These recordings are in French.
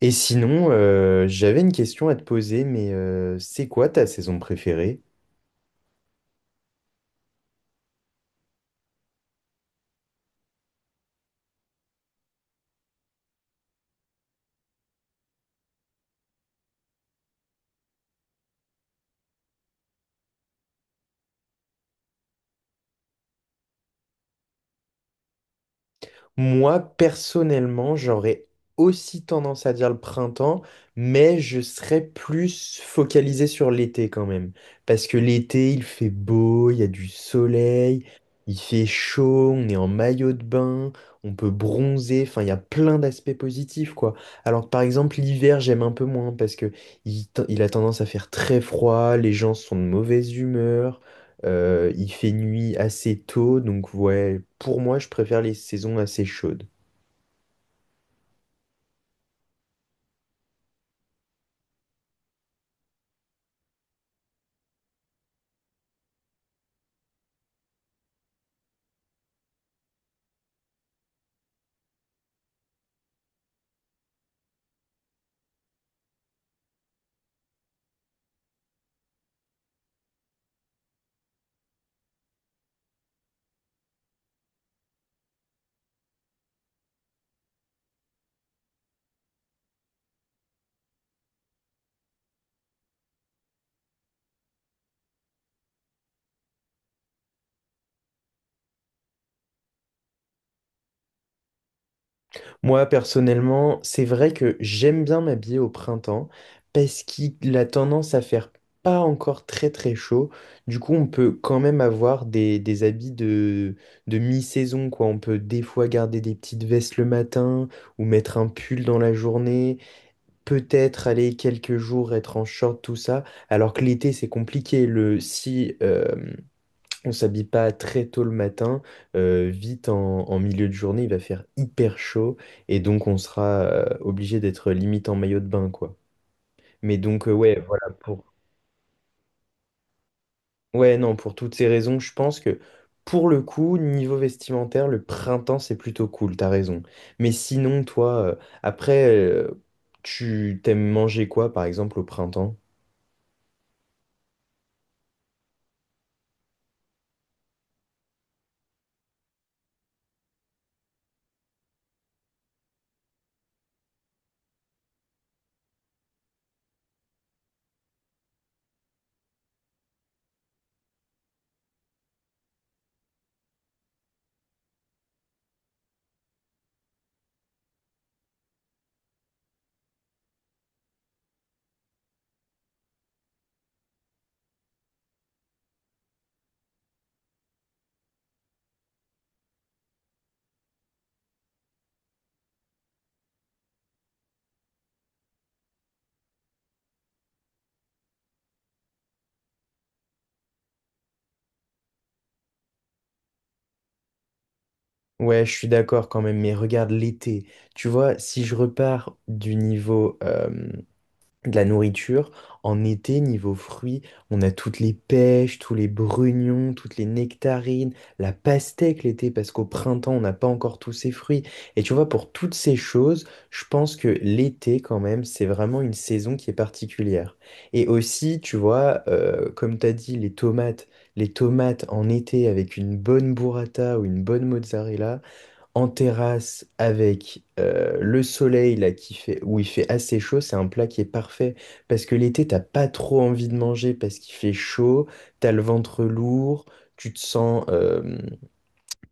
Et sinon, j'avais une question à te poser, mais c'est quoi ta saison préférée? Moi, personnellement, j'aurais aussi tendance à dire le printemps, mais je serais plus focalisé sur l'été quand même. Parce que l'été, il fait beau, il y a du soleil, il fait chaud, on est en maillot de bain, on peut bronzer, enfin, il y a plein d'aspects positifs, quoi. Alors que par exemple, l'hiver, j'aime un peu moins parce que il a tendance à faire très froid, les gens sont de mauvaise humeur. Il fait nuit assez tôt, donc ouais, pour moi, je préfère les saisons assez chaudes. Moi, personnellement, c'est vrai que j'aime bien m'habiller au printemps parce qu'il a tendance à faire pas encore très très chaud. Du coup, on peut quand même avoir des habits de mi-saison, quoi. On peut des fois garder des petites vestes le matin ou mettre un pull dans la journée, peut-être aller quelques jours être en short, tout ça. Alors que l'été, c'est compliqué. Le, si, On s'habille pas très tôt le matin, vite en milieu de journée, il va faire hyper chaud et donc on sera obligé d'être limite en maillot de bain, quoi. Mais donc, ouais, voilà. Ouais, non, pour toutes ces raisons, je pense que pour le coup, niveau vestimentaire, le printemps, c'est plutôt cool, t'as raison. Mais sinon, toi, après, euh, tu t'aimes manger quoi, par exemple, au printemps? Ouais, je suis d'accord quand même, mais regarde l'été. Tu vois, si je repars du niveau de la nourriture. En été, niveau fruits, on a toutes les pêches, tous les brugnons, toutes les nectarines, la pastèque l'été, parce qu'au printemps, on n'a pas encore tous ces fruits. Et tu vois, pour toutes ces choses, je pense que l'été, quand même, c'est vraiment une saison qui est particulière. Et aussi, tu vois, comme tu as dit, les tomates. Les tomates en été avec une bonne burrata ou une bonne mozzarella, en terrasse avec le soleil là qui fait où il fait assez chaud, c'est un plat qui est parfait parce que l'été t'as pas trop envie de manger parce qu'il fait chaud, t'as le ventre lourd, tu te sens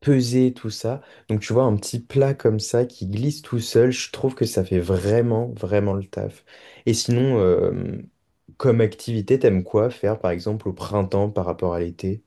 pesé tout ça. Donc tu vois un petit plat comme ça qui glisse tout seul, je trouve que ça fait vraiment vraiment le taf. Et sinon comme activité, t'aimes quoi faire par exemple au printemps par rapport à l'été?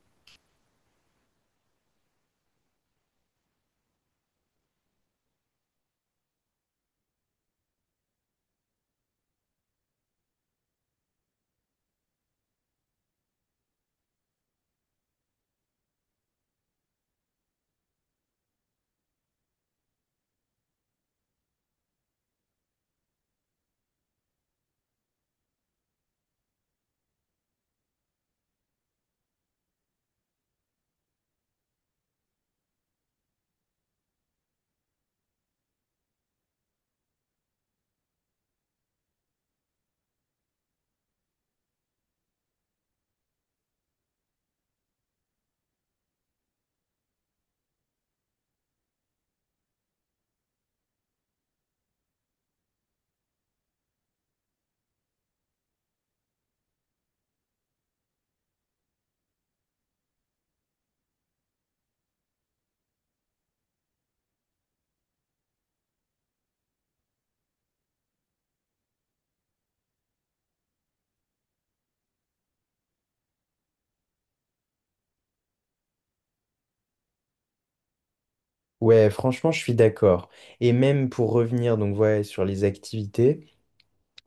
Ouais, franchement, je suis d'accord. Et même pour revenir donc ouais, sur les activités,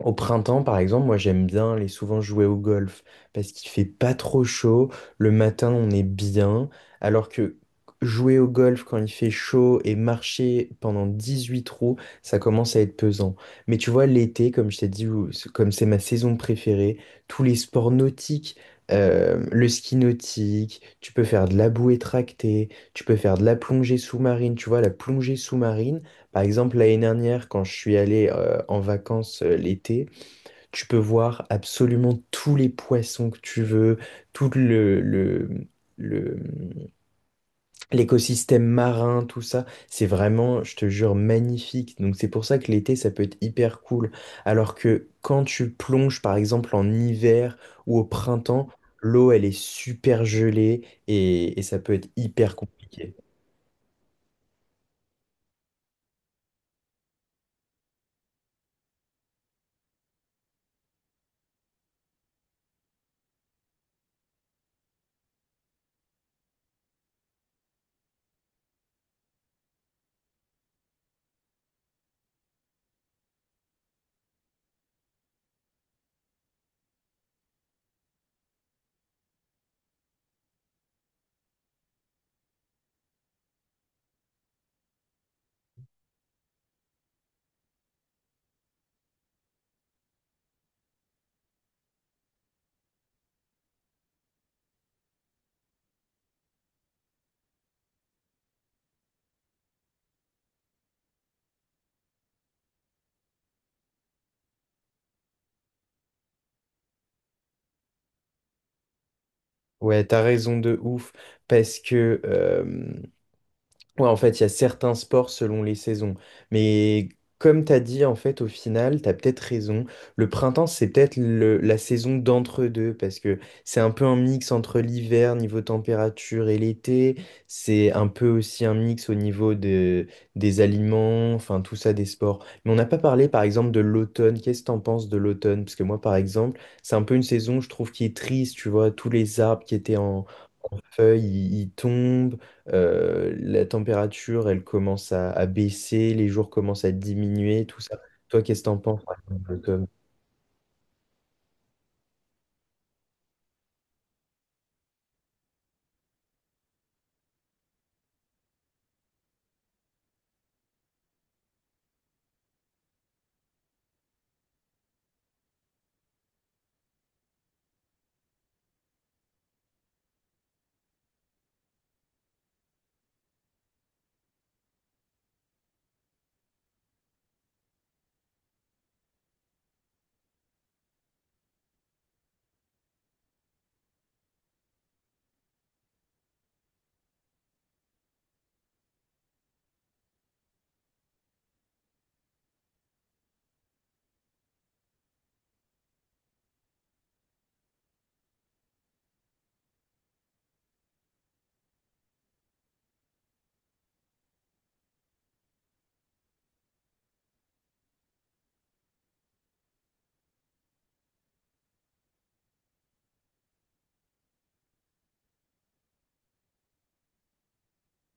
au printemps, par exemple, moi j'aime bien aller souvent jouer au golf parce qu'il fait pas trop chaud. Le matin, on est bien. Alors que jouer au golf quand il fait chaud et marcher pendant 18 trous, ça commence à être pesant. Mais tu vois, l'été, comme je t'ai dit, comme c'est ma saison préférée, tous les sports nautiques, le ski nautique, tu peux faire de la bouée tractée, tu peux faire de la plongée sous-marine. Tu vois, la plongée sous-marine. Par exemple, l'année dernière, quand je suis allé en vacances l'été, tu peux voir absolument tous les poissons que tu veux, tout le- l'écosystème marin, tout ça. C'est vraiment, je te jure, magnifique. Donc c'est pour ça que l'été, ça peut être hyper cool. Alors que quand tu plonges, par exemple, en hiver ou au printemps, l'eau, elle est super gelée et ça peut être hyper compliqué. Ouais, t'as raison de ouf, parce que... Ouais, en fait, il y a certains sports selon les saisons. Mais comme tu as dit, en fait, au final, tu as peut-être raison. Le printemps, c'est peut-être la saison d'entre-deux, parce que c'est un peu un mix entre l'hiver, niveau température, et l'été. C'est un peu aussi un mix au niveau des aliments, enfin, tout ça, des sports. Mais on n'a pas parlé, par exemple, de l'automne. Qu'est-ce que t'en penses de l'automne? Parce que moi, par exemple, c'est un peu une saison, je trouve, qui est triste, tu vois, tous les arbres qui étaient en feuilles ils tombent, la température elle commence à baisser, les jours commencent à diminuer, tout ça. Toi, qu'est-ce que t'en penses, par exemple, Tom?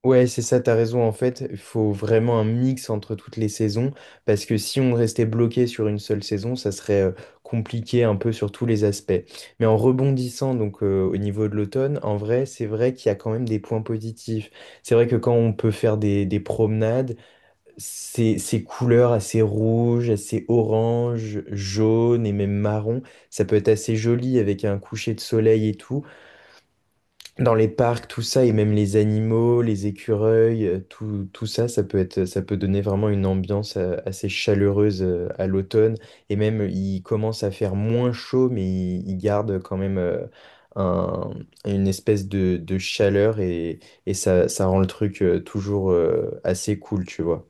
Ouais, c'est ça, t'as raison. En fait, il faut vraiment un mix entre toutes les saisons, parce que si on restait bloqué sur une seule saison, ça serait compliqué un peu sur tous les aspects. Mais en rebondissant donc au niveau de l'automne, en vrai, c'est vrai qu'il y a quand même des points positifs. C'est vrai que quand on peut faire des promenades, ces, ces couleurs assez rouges, assez orange, jaune et même marron, ça peut être assez joli avec un coucher de soleil et tout. Dans les parcs, tout ça, et même les animaux, les écureuils, tout ça, ça peut être, ça peut donner vraiment une ambiance assez chaleureuse à l'automne. Et même, il commence à faire moins chaud, mais il garde quand même un- une espèce de chaleur et ça rend le truc toujours assez cool, tu vois.